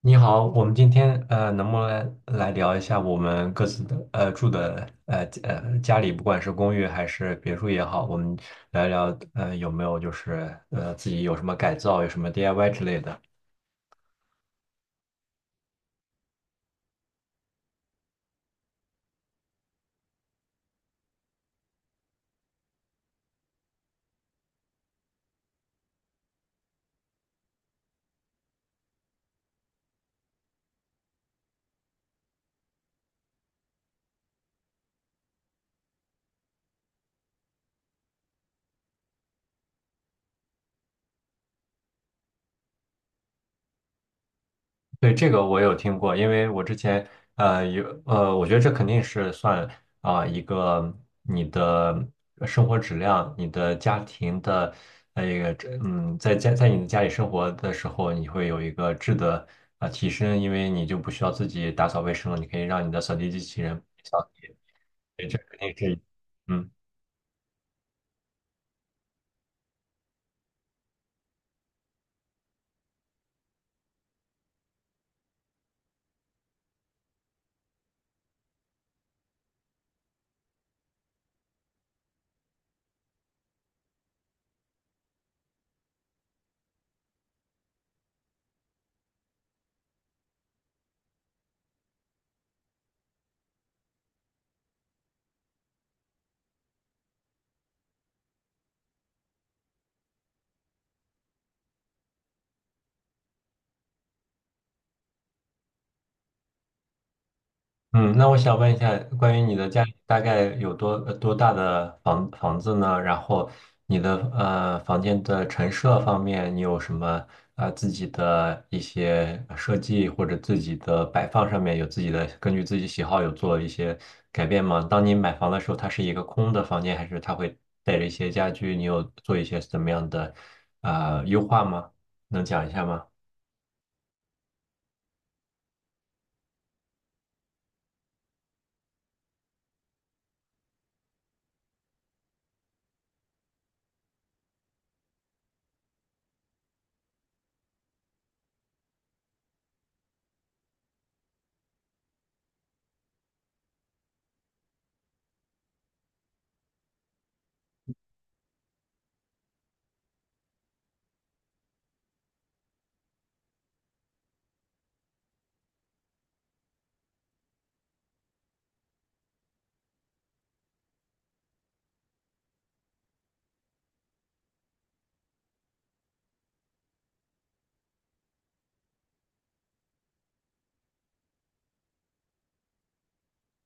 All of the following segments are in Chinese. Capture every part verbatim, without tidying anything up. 你好，我们今天呃，能不能来聊一下我们各自的呃住的呃呃家里，不管是公寓还是别墅也好，我们聊一聊呃有没有就是呃自己有什么改造，有什么 D I Y 之类的。对，这个我有听过，因为我之前呃有呃，我觉得这肯定是算啊、一个你的呃生活质量、你的家庭的呃一个质嗯，在家在你的家里生活的时候，你会有一个质的啊、呃提升，因为你就不需要自己打扫卫生了，你可以让你的扫地机器人扫地，对，这肯定是嗯。嗯，那我想问一下，关于你的嗯家里大概有多呃多大的房房子呢？然后你的呃房间的陈设方面，你有什么啊自己的一些呃设计或者自己的摆放上面有自己的根据自己喜好有做一些改变吗？当你买房的时候，它是一个空的房间，还是它会带着一些家具？你有做一些怎么样的呃优化吗？能讲一下吗？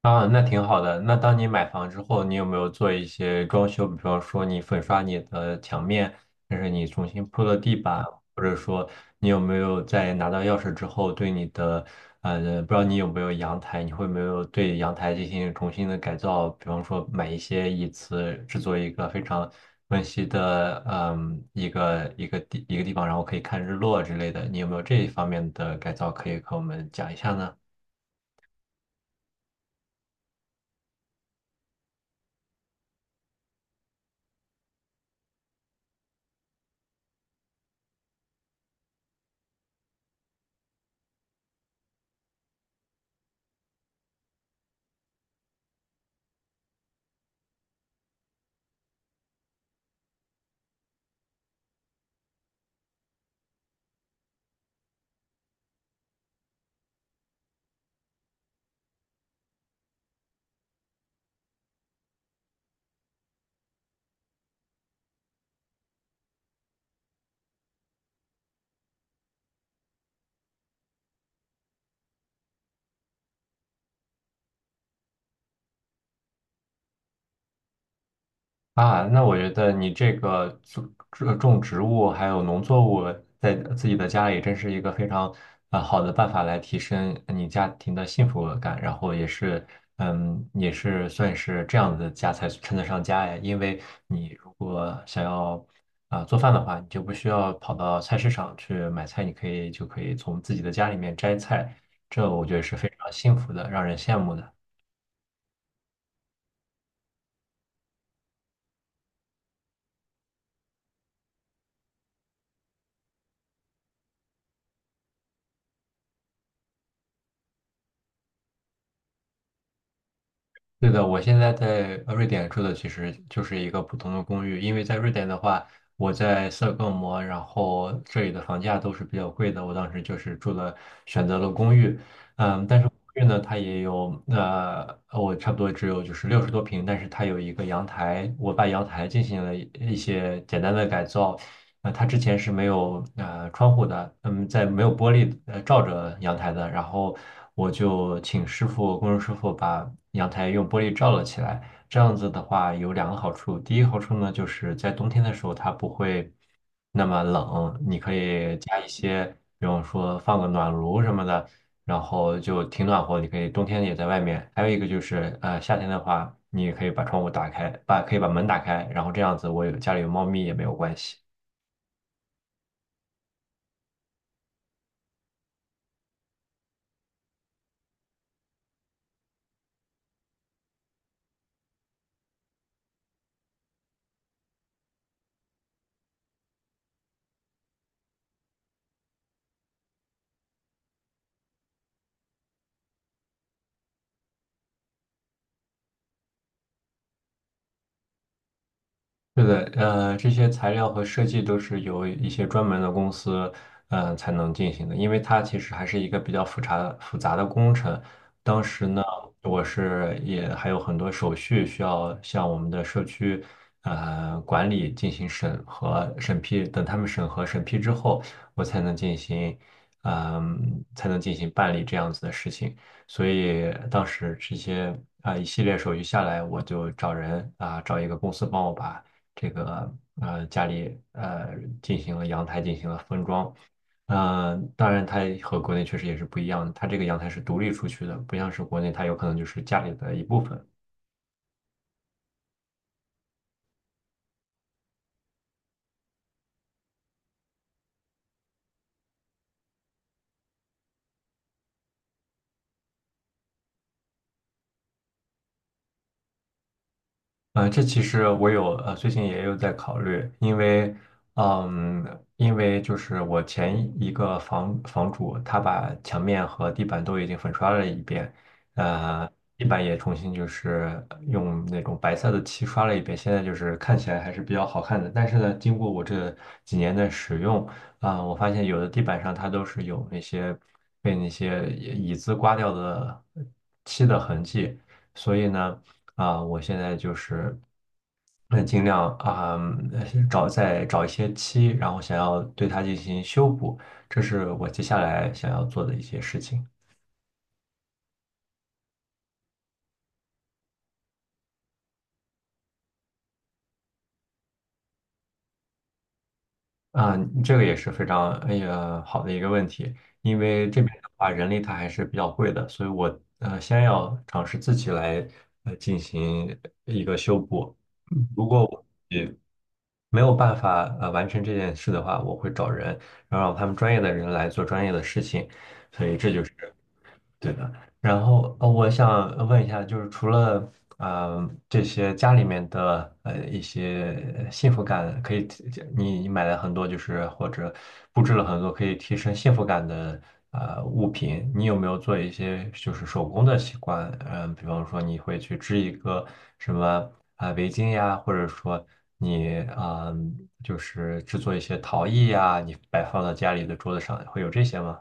啊，那挺好的。那当你买房之后，你有没有做一些装修？比方说，你粉刷你的墙面，还是你重新铺了地板，或者说你有没有在拿到钥匙之后，对你的呃，不知道你有没有阳台，你会没有对阳台进行重新的改造？比方说，买一些椅子，制作一个非常温馨的嗯一个一个地一个地方，然后可以看日落之类的。你有没有这一方面的改造可以和我们讲一下呢？啊，那我觉得你这个种种植物还有农作物在自己的家里，真是一个非常啊、好的办法来提升你家庭的幸福感，然后也是嗯，也是算是这样的家才称得上家呀。因为你如果想要啊、做饭的话，你就不需要跑到菜市场去买菜，你可以就可以从自己的家里面摘菜，这我觉得是非常幸福的，让人羡慕的。对的，我现在在呃瑞典住的其实就是一个普通的公寓，因为在瑞典的话，我在斯德哥尔摩，然后这里的房价都是比较贵的，我当时就是住了选择了公寓，嗯，但是公寓呢，它也有呃，我差不多只有就是六十多平，但是它有一个阳台，我把阳台进行了一一些简单的改造，呃，它之前是没有呃窗户的，嗯，在没有玻璃呃罩着阳台的。然后我就请师傅，工人师傅把阳台用玻璃罩了起来。这样子的话有两个好处，第一个好处呢，就是在冬天的时候它不会那么冷，你可以加一些，比方说放个暖炉什么的，然后就挺暖和，你可以冬天也在外面。还有一个就是，呃，夏天的话，你也可以把窗户打开，把可以把门打开，然后这样子我有家里有猫咪也没有关系。是的，呃，这些材料和设计都是由一些专门的公司，嗯，才能进行的，因为它其实还是一个比较复杂复杂的工程。当时呢，我是也还有很多手续需要向我们的社区，呃，管理进行审核、审批。等他们审核、审批之后，我才能进行，嗯、才能进行办理这样子的事情。所以当时这些啊、一系列手续下来，我就找人啊、找一个公司帮我把。这个呃家里呃进行了阳台进行了封装。呃，当然，它和国内确实也是不一样的。它这个阳台是独立出去的，不像是国内，它有可能就是家里的一部分。呃，这其实我有呃，最近也有在考虑，因为，嗯，因为就是我前一个房房主，他把墙面和地板都已经粉刷了一遍，呃，地板也重新就是用那种白色的漆刷了一遍，现在就是看起来还是比较好看的。但是呢，经过我这几年的使用，啊、我发现有的地板上它都是有那些被那些呃椅子刮掉的漆的痕迹，所以呢。啊，我现在就是，那尽量啊，呃找再找一些漆，然后想要对它进行修补，这是我接下来想要做的一些事情。啊，这个也是非常哎呀好的一个问题，因为这边的话人力它还是比较贵的，所以我呃先要尝试自己来呃进行一个修补。嗯，如果我没有办法呃完成这件事的话，我会找人，然后让他们专业的人来做专业的事情。所以这就是。对的，然后呃，我想问一下，就是除了啊、呃这些家里面的呃一些呃幸福感，可以提你你买了很多，就是或者布置了很多可以提升幸福感的呃物品，你有没有做一些就是手工的习惯？嗯、比方说你会去织一个什么啊、围巾呀，或者说你啊、就是制作一些陶艺呀，你摆放到家里的桌子上，会有这些吗？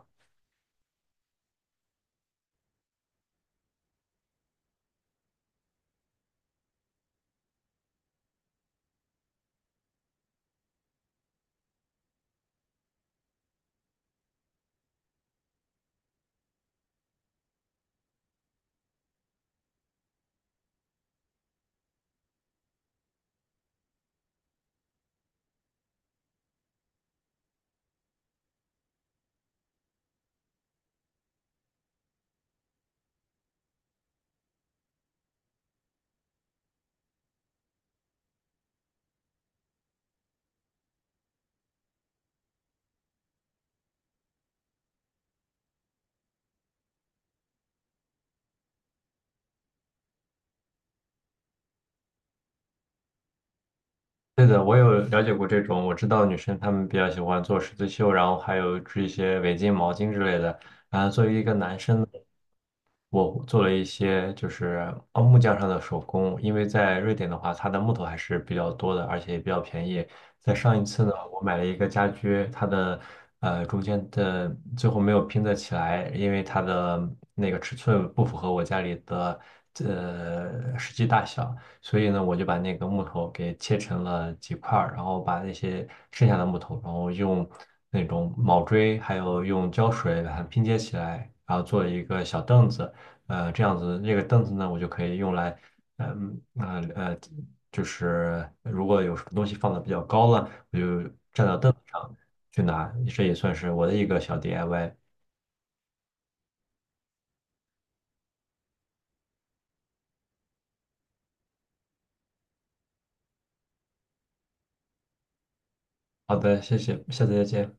对的，我有了解过这种，我知道女生她们比较喜欢做十字绣，然后还有织一些围巾、毛巾之类的。啊，作为一个男生。我做了一些就是哦木匠上的手工，因为在瑞典的话，它的木头还是比较多的，而且也比较便宜。在上一次呢，我买了一个家居，它的呃中间的最后没有拼得起来，因为它的那个尺寸不符合我家里的呃实际大小，所以呢，我就把那个木头给切成了几块儿，然后把那些剩下的木头，然后用那种铆锥还有用胶水把它拼接起来，然后做了一个小凳子。呃，这样子，那个凳子呢，我就可以用来，嗯啊呃呃就是如果有什么东西放的比较高了，我就站到凳子上去拿，这也算是我的一个小 D I Y。好的，谢谢，下次再见。